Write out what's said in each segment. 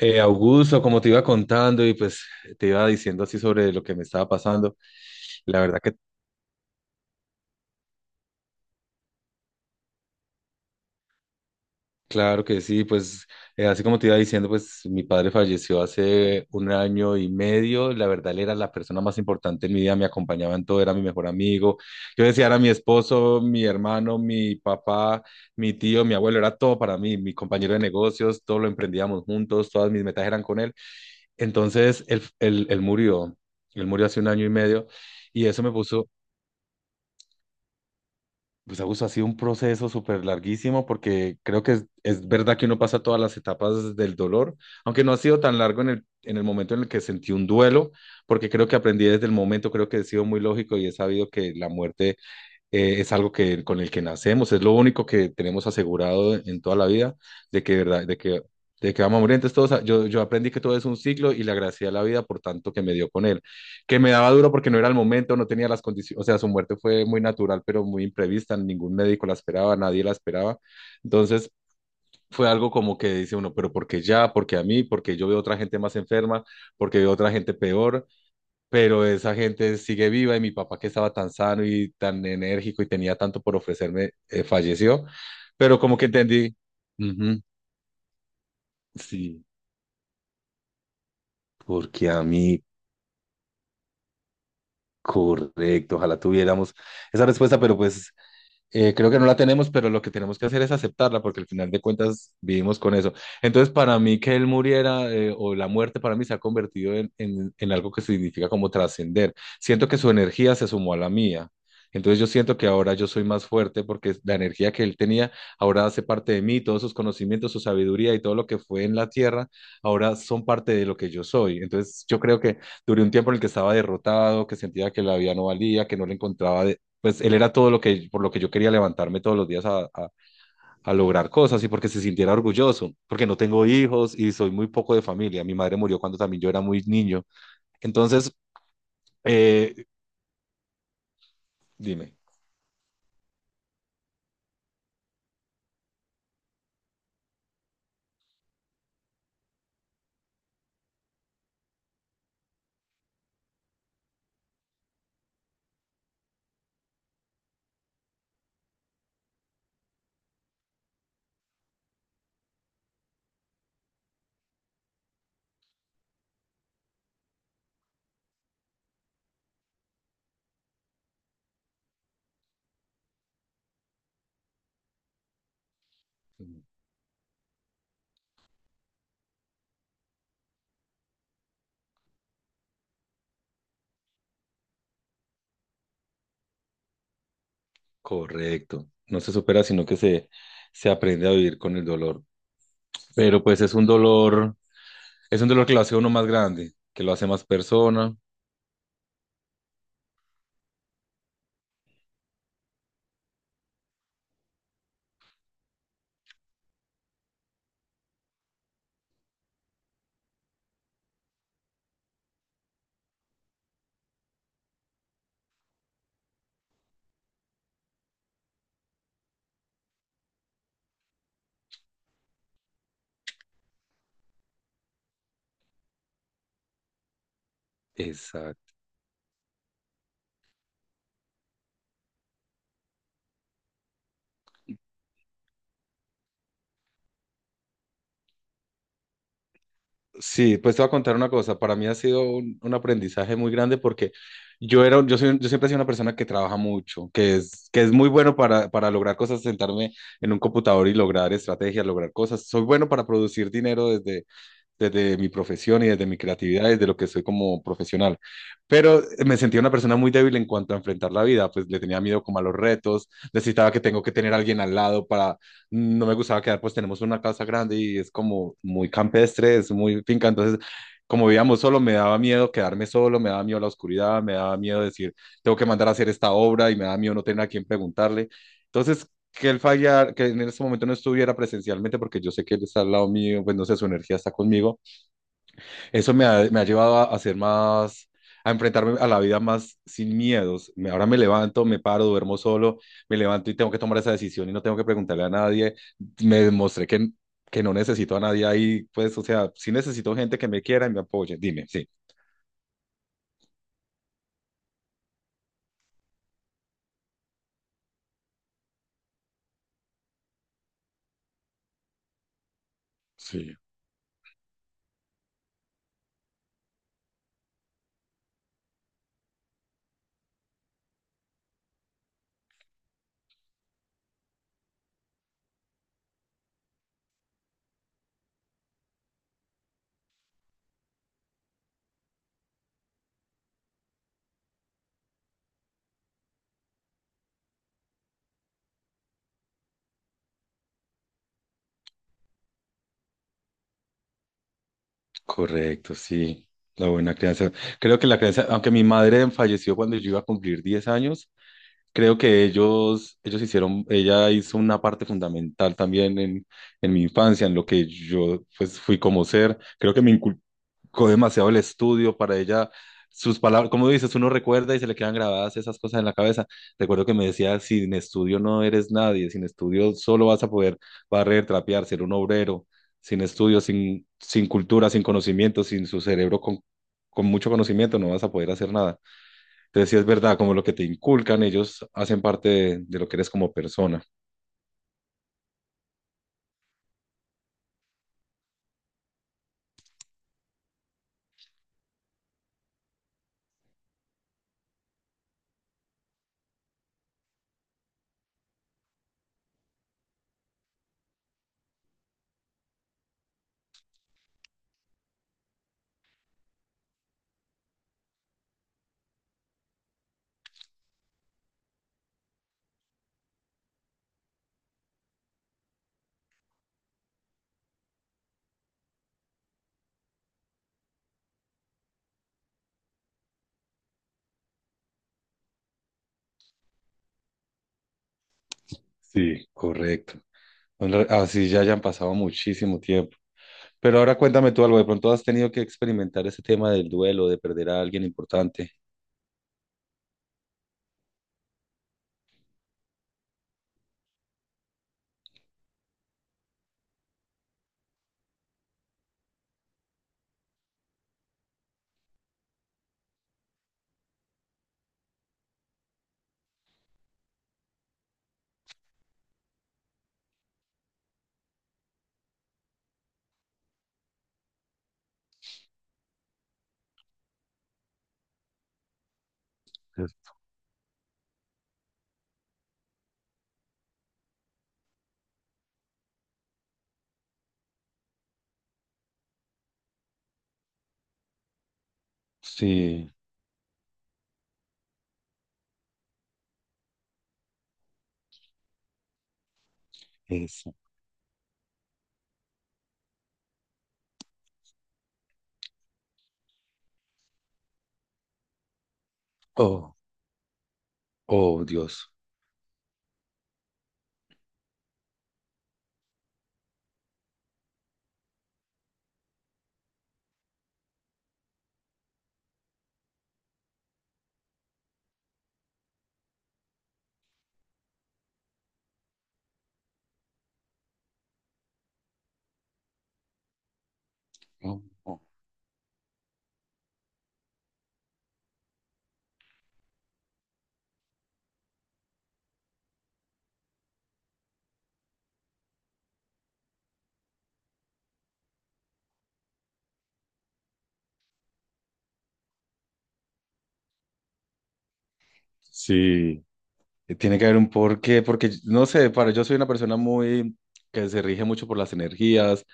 Augusto, como te iba contando y pues te iba diciendo así sobre lo que me estaba pasando, la verdad que claro que sí, pues así como te iba diciendo, pues mi padre falleció hace un año y medio. La verdad él era la persona más importante en mi vida, me acompañaba en todo, era mi mejor amigo, yo decía, era mi esposo, mi hermano, mi papá, mi tío, mi abuelo, era todo para mí, mi compañero de negocios, todo lo emprendíamos juntos, todas mis metas eran con él. Entonces él murió, él murió hace un año y medio. Y eso me puso. Pues Augusto, ha sido un proceso súper larguísimo porque creo que es verdad que uno pasa todas las etapas del dolor, aunque no ha sido tan largo en el momento en el que sentí un duelo, porque creo que aprendí desde el momento. Creo que he sido muy lógico y he sabido que la muerte es algo que, con el que nacemos, es lo único que tenemos asegurado en toda la vida, de que, verdad, de que vamos a morir. Entonces, todos, yo aprendí que todo es un ciclo y le agradecí a la vida por tanto que me dio con él, que me daba duro porque no era el momento, no tenía las condiciones. O sea, su muerte fue muy natural, pero muy imprevista, ningún médico la esperaba, nadie la esperaba. Entonces... fue algo como que dice uno, ¿pero porque ya? porque a mí? Porque yo veo otra gente más enferma? Porque veo otra gente peor? Pero esa gente sigue viva y mi papá, que estaba tan sano y tan enérgico y tenía tanto por ofrecerme, falleció. Pero como que entendí, ujú, sí, porque a mí. Correcto, ojalá tuviéramos esa respuesta, pero pues creo que no la tenemos, pero lo que tenemos que hacer es aceptarla, porque al final de cuentas vivimos con eso. Entonces, para mí que él muriera o la muerte para mí se ha convertido en algo que significa como trascender. Siento que su energía se sumó a la mía. Entonces yo siento que ahora yo soy más fuerte porque la energía que él tenía ahora hace parte de mí, todos sus conocimientos, su sabiduría y todo lo que fue en la tierra, ahora son parte de lo que yo soy. Entonces yo creo que duré un tiempo en el que estaba derrotado, que sentía que la vida no valía, que no le encontraba, pues él era todo lo que, por lo que yo quería levantarme todos los días a lograr cosas y porque se sintiera orgulloso, porque no tengo hijos y soy muy poco de familia. Mi madre murió cuando también yo era muy niño. Entonces, eh, dime. Correcto, no se supera, sino que se aprende a vivir con el dolor. Pero pues es un dolor que lo hace uno más grande, que lo hace más persona. Exacto. Sí, pues te voy a contar una cosa. Para mí ha sido un aprendizaje muy grande porque yo era, yo soy, yo siempre he sido una persona que trabaja mucho, que es muy bueno para lograr cosas, sentarme en un computador y lograr estrategias, lograr cosas. Soy bueno para producir dinero desde, desde mi profesión y desde mi creatividad, desde lo que soy como profesional. Pero me sentía una persona muy débil en cuanto a enfrentar la vida, pues le tenía miedo como a los retos, necesitaba que tengo que tener a alguien al lado para, no me gustaba quedar, pues tenemos una casa grande y es como muy campestre, es muy finca. Entonces como vivíamos solo, me daba miedo quedarme solo, me daba miedo la oscuridad, me daba miedo decir, tengo que mandar a hacer esta obra y me daba miedo no tener a quién preguntarle. Entonces, que él fallara, que en este momento no estuviera presencialmente, porque yo sé que él está al lado mío, pues no sé, su energía está conmigo. Eso me ha llevado a ser más, a enfrentarme a la vida más sin miedos. Ahora me levanto, me paro, duermo solo, me levanto y tengo que tomar esa decisión y no tengo que preguntarle a nadie. Me demostré que no necesito a nadie ahí, pues, o sea, sí necesito gente que me quiera y me apoye. Dime, sí. Sí, correcto, sí. La buena crianza. Creo que la crianza, aunque mi madre falleció cuando yo iba a cumplir 10 años, creo que ellos hicieron, ella hizo una parte fundamental también en mi infancia, en lo que yo pues fui como ser. Creo que me inculcó demasiado el estudio para ella. Sus palabras, como dices, uno recuerda y se le quedan grabadas esas cosas en la cabeza. Recuerdo que me decía, sin estudio no eres nadie, sin estudio solo vas a poder barrer, trapear, ser un obrero, sin estudio, sin, sin cultura, sin conocimiento, sin su cerebro con mucho conocimiento no vas a poder hacer nada. Entonces, sí es verdad, como lo que te inculcan, ellos hacen parte de lo que eres como persona. Sí, correcto. Bueno, así ya hayan pasado muchísimo tiempo. Pero ahora cuéntame tú algo, de pronto has tenido que experimentar ese tema del duelo, de perder a alguien importante. Es- Sí, eso. Oh, oh, Dios. Oh, oh. Sí. Tiene que haber un porqué, porque no sé, para, yo soy una persona muy que se rige mucho por las energías,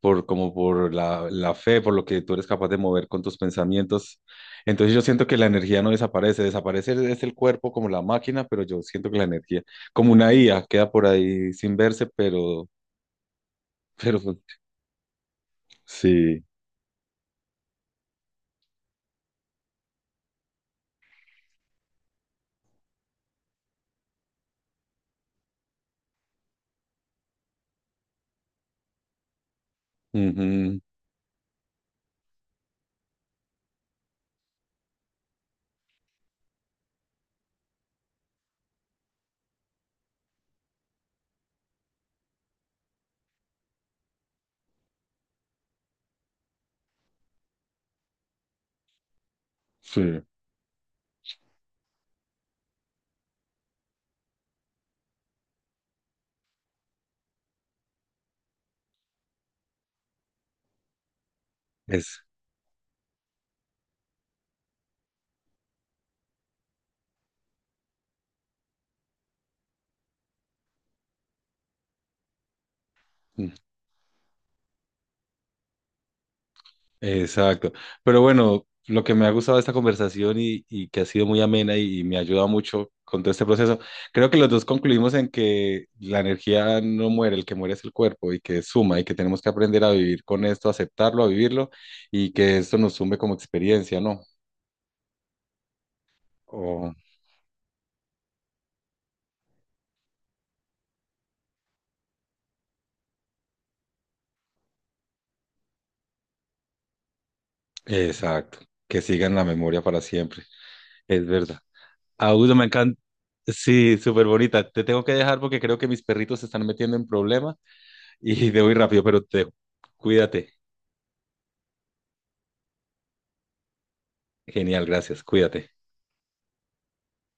por como por la fe, por lo que tú eres capaz de mover con tus pensamientos. Entonces yo siento que la energía no desaparece, desaparece es el cuerpo como la máquina, pero yo siento que la energía, como una IA, queda por ahí sin verse, pero, pero sí, ujú, sí, es. Exacto. Pero bueno, lo que me ha gustado de esta conversación y que ha sido muy amena y me ha ayudado mucho con todo este proceso, creo que los dos concluimos en que la energía no muere, el que muere es el cuerpo y que suma y que tenemos que aprender a vivir con esto, aceptarlo, a vivirlo y que esto nos sume como experiencia, ¿no? O- exacto. Que siga en la memoria para siempre. Es verdad. Augusto, me encanta. Sí, súper bonita. Te tengo que dejar porque creo que mis perritos se están metiendo en problema y debo ir rápido, pero te cuídate. Genial, gracias. Cuídate.